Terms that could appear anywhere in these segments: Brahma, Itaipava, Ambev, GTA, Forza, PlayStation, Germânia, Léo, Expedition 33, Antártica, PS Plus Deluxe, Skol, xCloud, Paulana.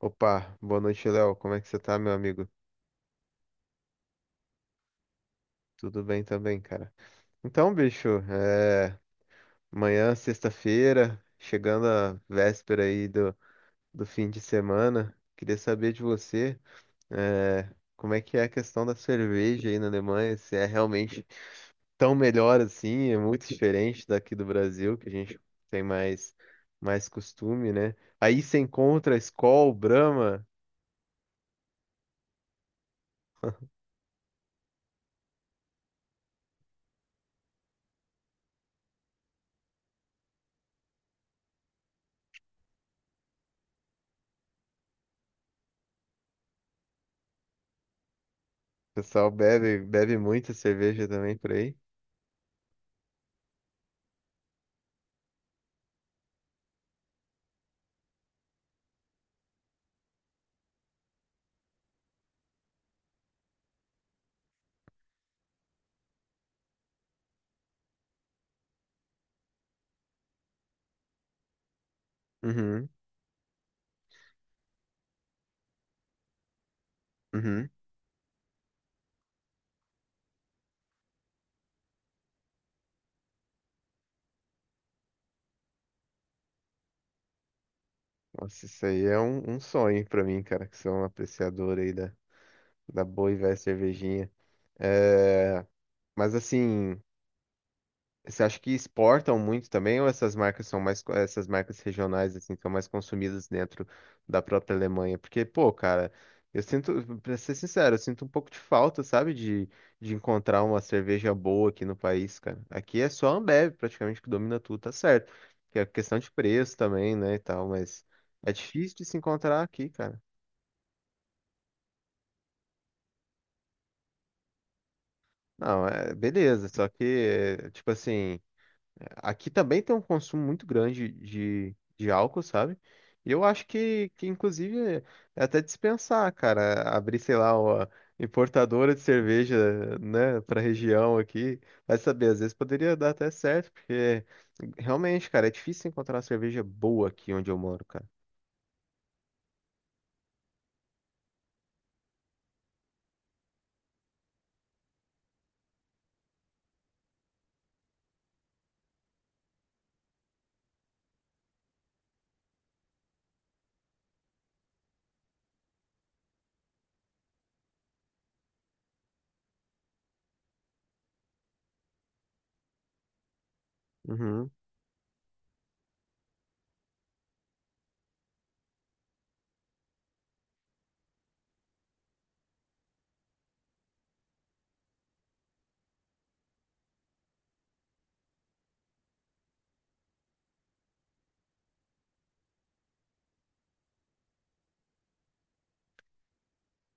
Opa, boa noite, Léo. Como é que você tá, meu amigo? Tudo bem também, cara. Então, bicho, amanhã, sexta-feira, chegando a véspera aí do fim de semana, queria saber de você, é, como é que é a questão da cerveja aí na Alemanha, se é realmente tão melhor assim, é muito diferente daqui do Brasil, que a gente tem mais costume, né? Aí você encontra Skol, Brahma, o pessoal bebe, bebe muita cerveja também por aí. Uhum. Uhum. Nossa, isso aí é um sonho pra mim, cara, que sou um apreciador aí da boa e velha cervejinha. É, mas assim. Você acha que exportam muito também, ou essas marcas são mais, essas marcas regionais assim são mais consumidas dentro da própria Alemanha? Porque, pô, cara, eu sinto, pra ser sincero, eu sinto um pouco de falta, sabe, de encontrar uma cerveja boa aqui no país, cara. Aqui é só a Ambev praticamente que domina tudo, tá certo? Que é questão de preço também, né, e tal, mas é difícil de se encontrar aqui, cara. Não, é beleza, só que, é, tipo assim. Aqui também tem um consumo muito grande de álcool, sabe? E eu acho que inclusive, é até dispensar, cara, abrir, sei lá, uma importadora de cerveja, né, pra região aqui. Vai saber, às vezes poderia dar até certo, porque realmente, cara, é difícil encontrar cerveja boa aqui onde eu moro, cara. Uhum.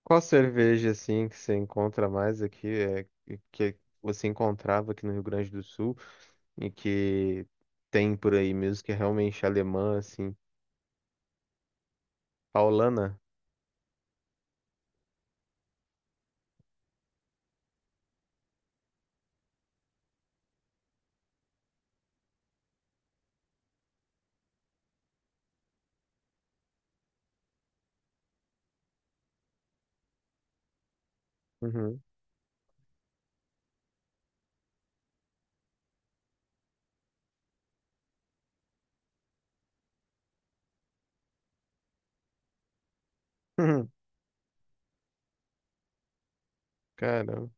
Qual cerveja, assim, que você encontra mais aqui, é, que você encontrava aqui no Rio Grande do Sul e que tem por aí mesmo, que é realmente alemã, assim? Paulana? Uhum. Caramba.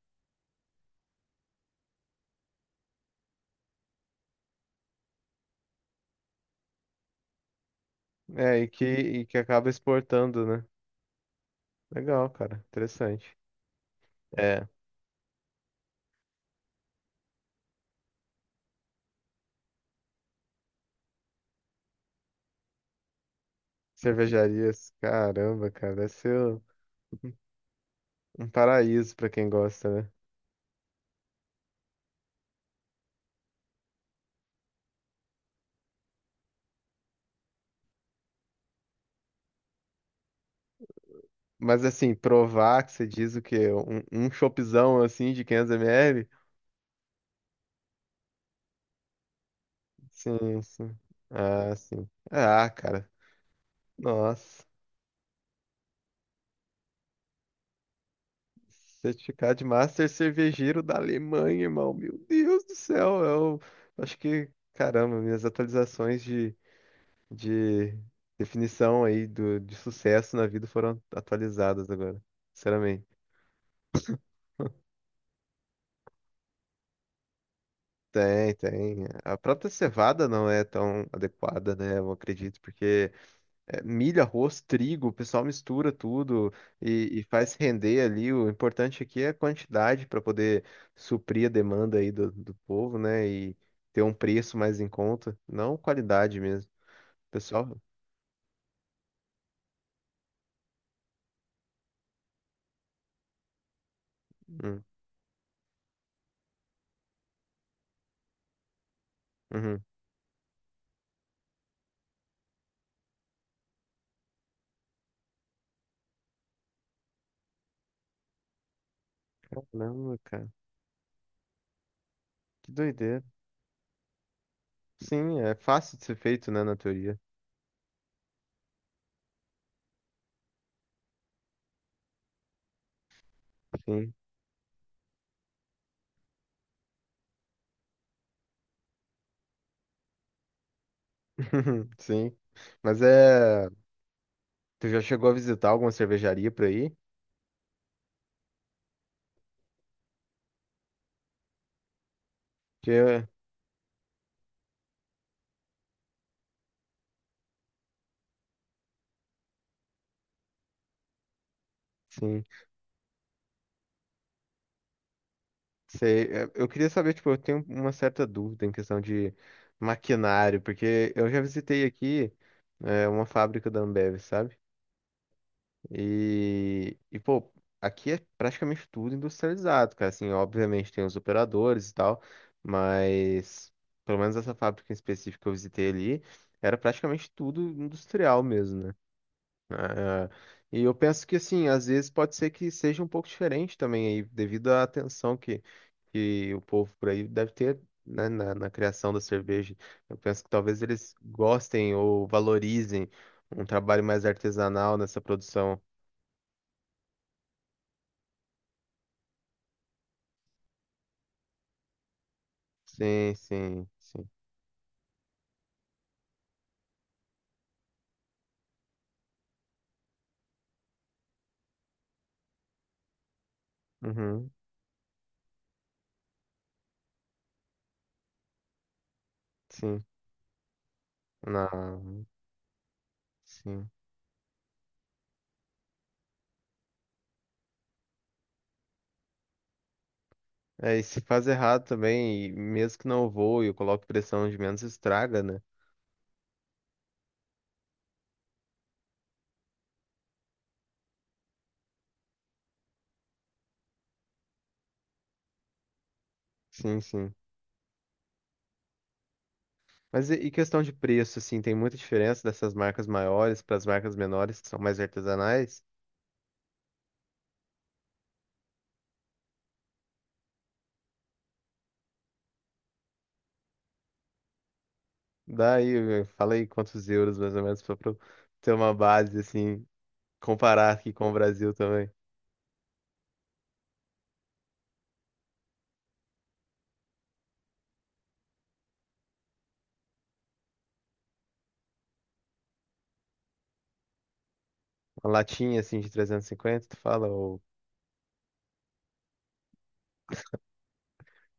É, e que acaba exportando, né? Legal, cara. Interessante. É. Cervejarias, caramba, cara, deve ser um um paraíso pra quem gosta, né? Mas assim, provar que você diz o quê? Um chopzão assim de 500 ml? Sim, sim. Ah, sim. Ah, cara. Nossa. Certificado de Master Cervejeiro da Alemanha, irmão. Meu Deus do céu. Eu acho que, caramba, minhas atualizações de definição aí do, de sucesso na vida foram atualizadas agora, sinceramente. Tem, tem. A própria cevada não é tão adequada, né? Eu acredito, porque é, milho, arroz, trigo, o pessoal mistura tudo e faz render ali. O importante aqui é a quantidade para poder suprir a demanda aí do, do povo, né? E ter um preço mais em conta, não qualidade mesmo. Pessoal. Hum, uhum. Caramba, cara, que doideira. Sim, é fácil de ser feito, né, na teoria. Sim, sim. Mas é. Tu já chegou a visitar alguma cervejaria por aí? Que, sim, sei. É, eu queria saber, tipo, eu tenho uma certa dúvida em questão de maquinário, porque eu já visitei aqui, é, uma fábrica da Ambev, sabe? Pô, aqui é praticamente tudo industrializado, cara. Assim, obviamente tem os operadores e tal, mas pelo menos essa fábrica em específico que eu visitei ali era praticamente tudo industrial mesmo, né? Ah, ah. E eu penso que, assim, às vezes pode ser que seja um pouco diferente também aí, devido à atenção que o povo por aí deve ter. Né, na criação da cerveja, eu penso que talvez eles gostem ou valorizem um trabalho mais artesanal nessa produção. Sim, sim, sim. Uhum, sim. Não, sim. É, e se faz errado também, e mesmo que não voe, eu coloco pressão de menos, estraga, né? Sim, sim. Mas e questão de preço, assim, tem muita diferença dessas marcas maiores para as marcas menores, que são mais artesanais? Daí, fala aí quantos euros, mais ou menos, para ter uma base, assim, comparar aqui com o Brasil também. Uma latinha, assim, de 350 tu fala, ô,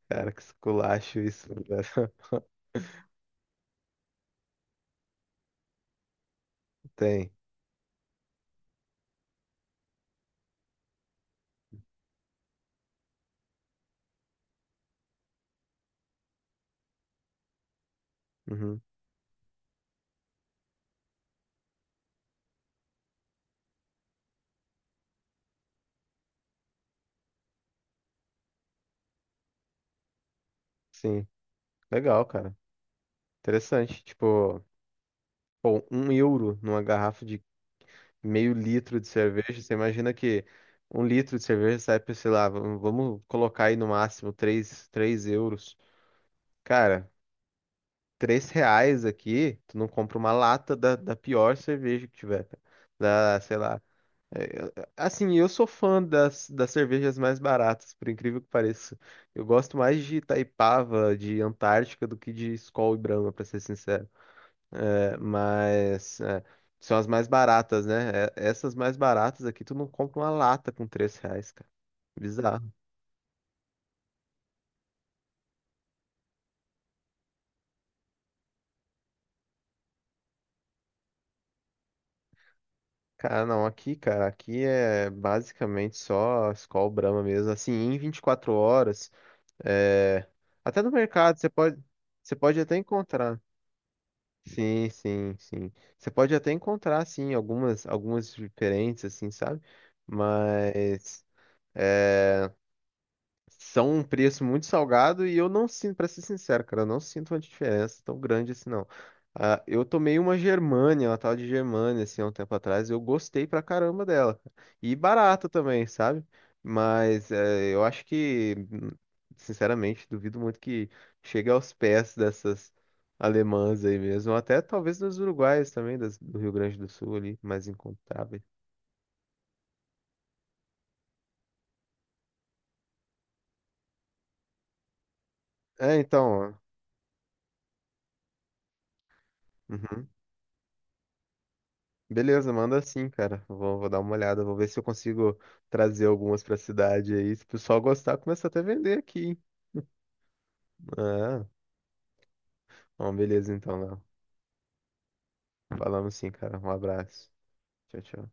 cara, que esculacho isso, velho. Tem. Uhum, sim. Legal, cara. Interessante. Tipo, pô, um euro numa garrafa de meio litro de cerveja. Você imagina que um litro de cerveja sai por, sei lá, vamos colocar aí no máximo 3, três euros. Cara, 3 reais aqui, tu não compra uma lata da, da pior cerveja que tiver, cara. Da, sei lá. é, Assim, eu sou fã das, das cervejas mais baratas, por incrível que pareça. Eu gosto mais de Itaipava, de Antártica, do que de Skol e Brahma, pra ser sincero. Mas é, são as mais baratas, né? Essas mais baratas aqui, tu não compra uma lata com três reais, cara. Bizarro. Cara, não, aqui, cara, aqui é basicamente só Skol Brahma mesmo. Assim, em 24 horas, é, até no mercado, você pode até encontrar. Sim, sim, sim. Você pode até encontrar, sim, algumas, algumas diferentes, assim, sabe? Mas. É, são um preço muito salgado e eu não sinto, pra ser sincero, cara, eu não sinto uma diferença tão grande assim, não. Ah, eu tomei uma Germânia, uma tal de Germânia, assim, há um tempo atrás, e eu gostei pra caramba dela, cara. E barata também, sabe? Mas eu acho que, sinceramente, duvido muito que chegue aos pés dessas alemãs aí mesmo, ou até talvez dos uruguaios também, do Rio Grande do Sul ali, mais encontráveis. É, então, ó. Uhum. Beleza, manda assim, cara. Vou, vou dar uma olhada, vou ver se eu consigo trazer algumas pra cidade aí. Se o pessoal gostar, começa até a vender aqui, hein? Ah, bom, beleza então, Léo. Falamos sim, cara. Um abraço. Tchau, tchau.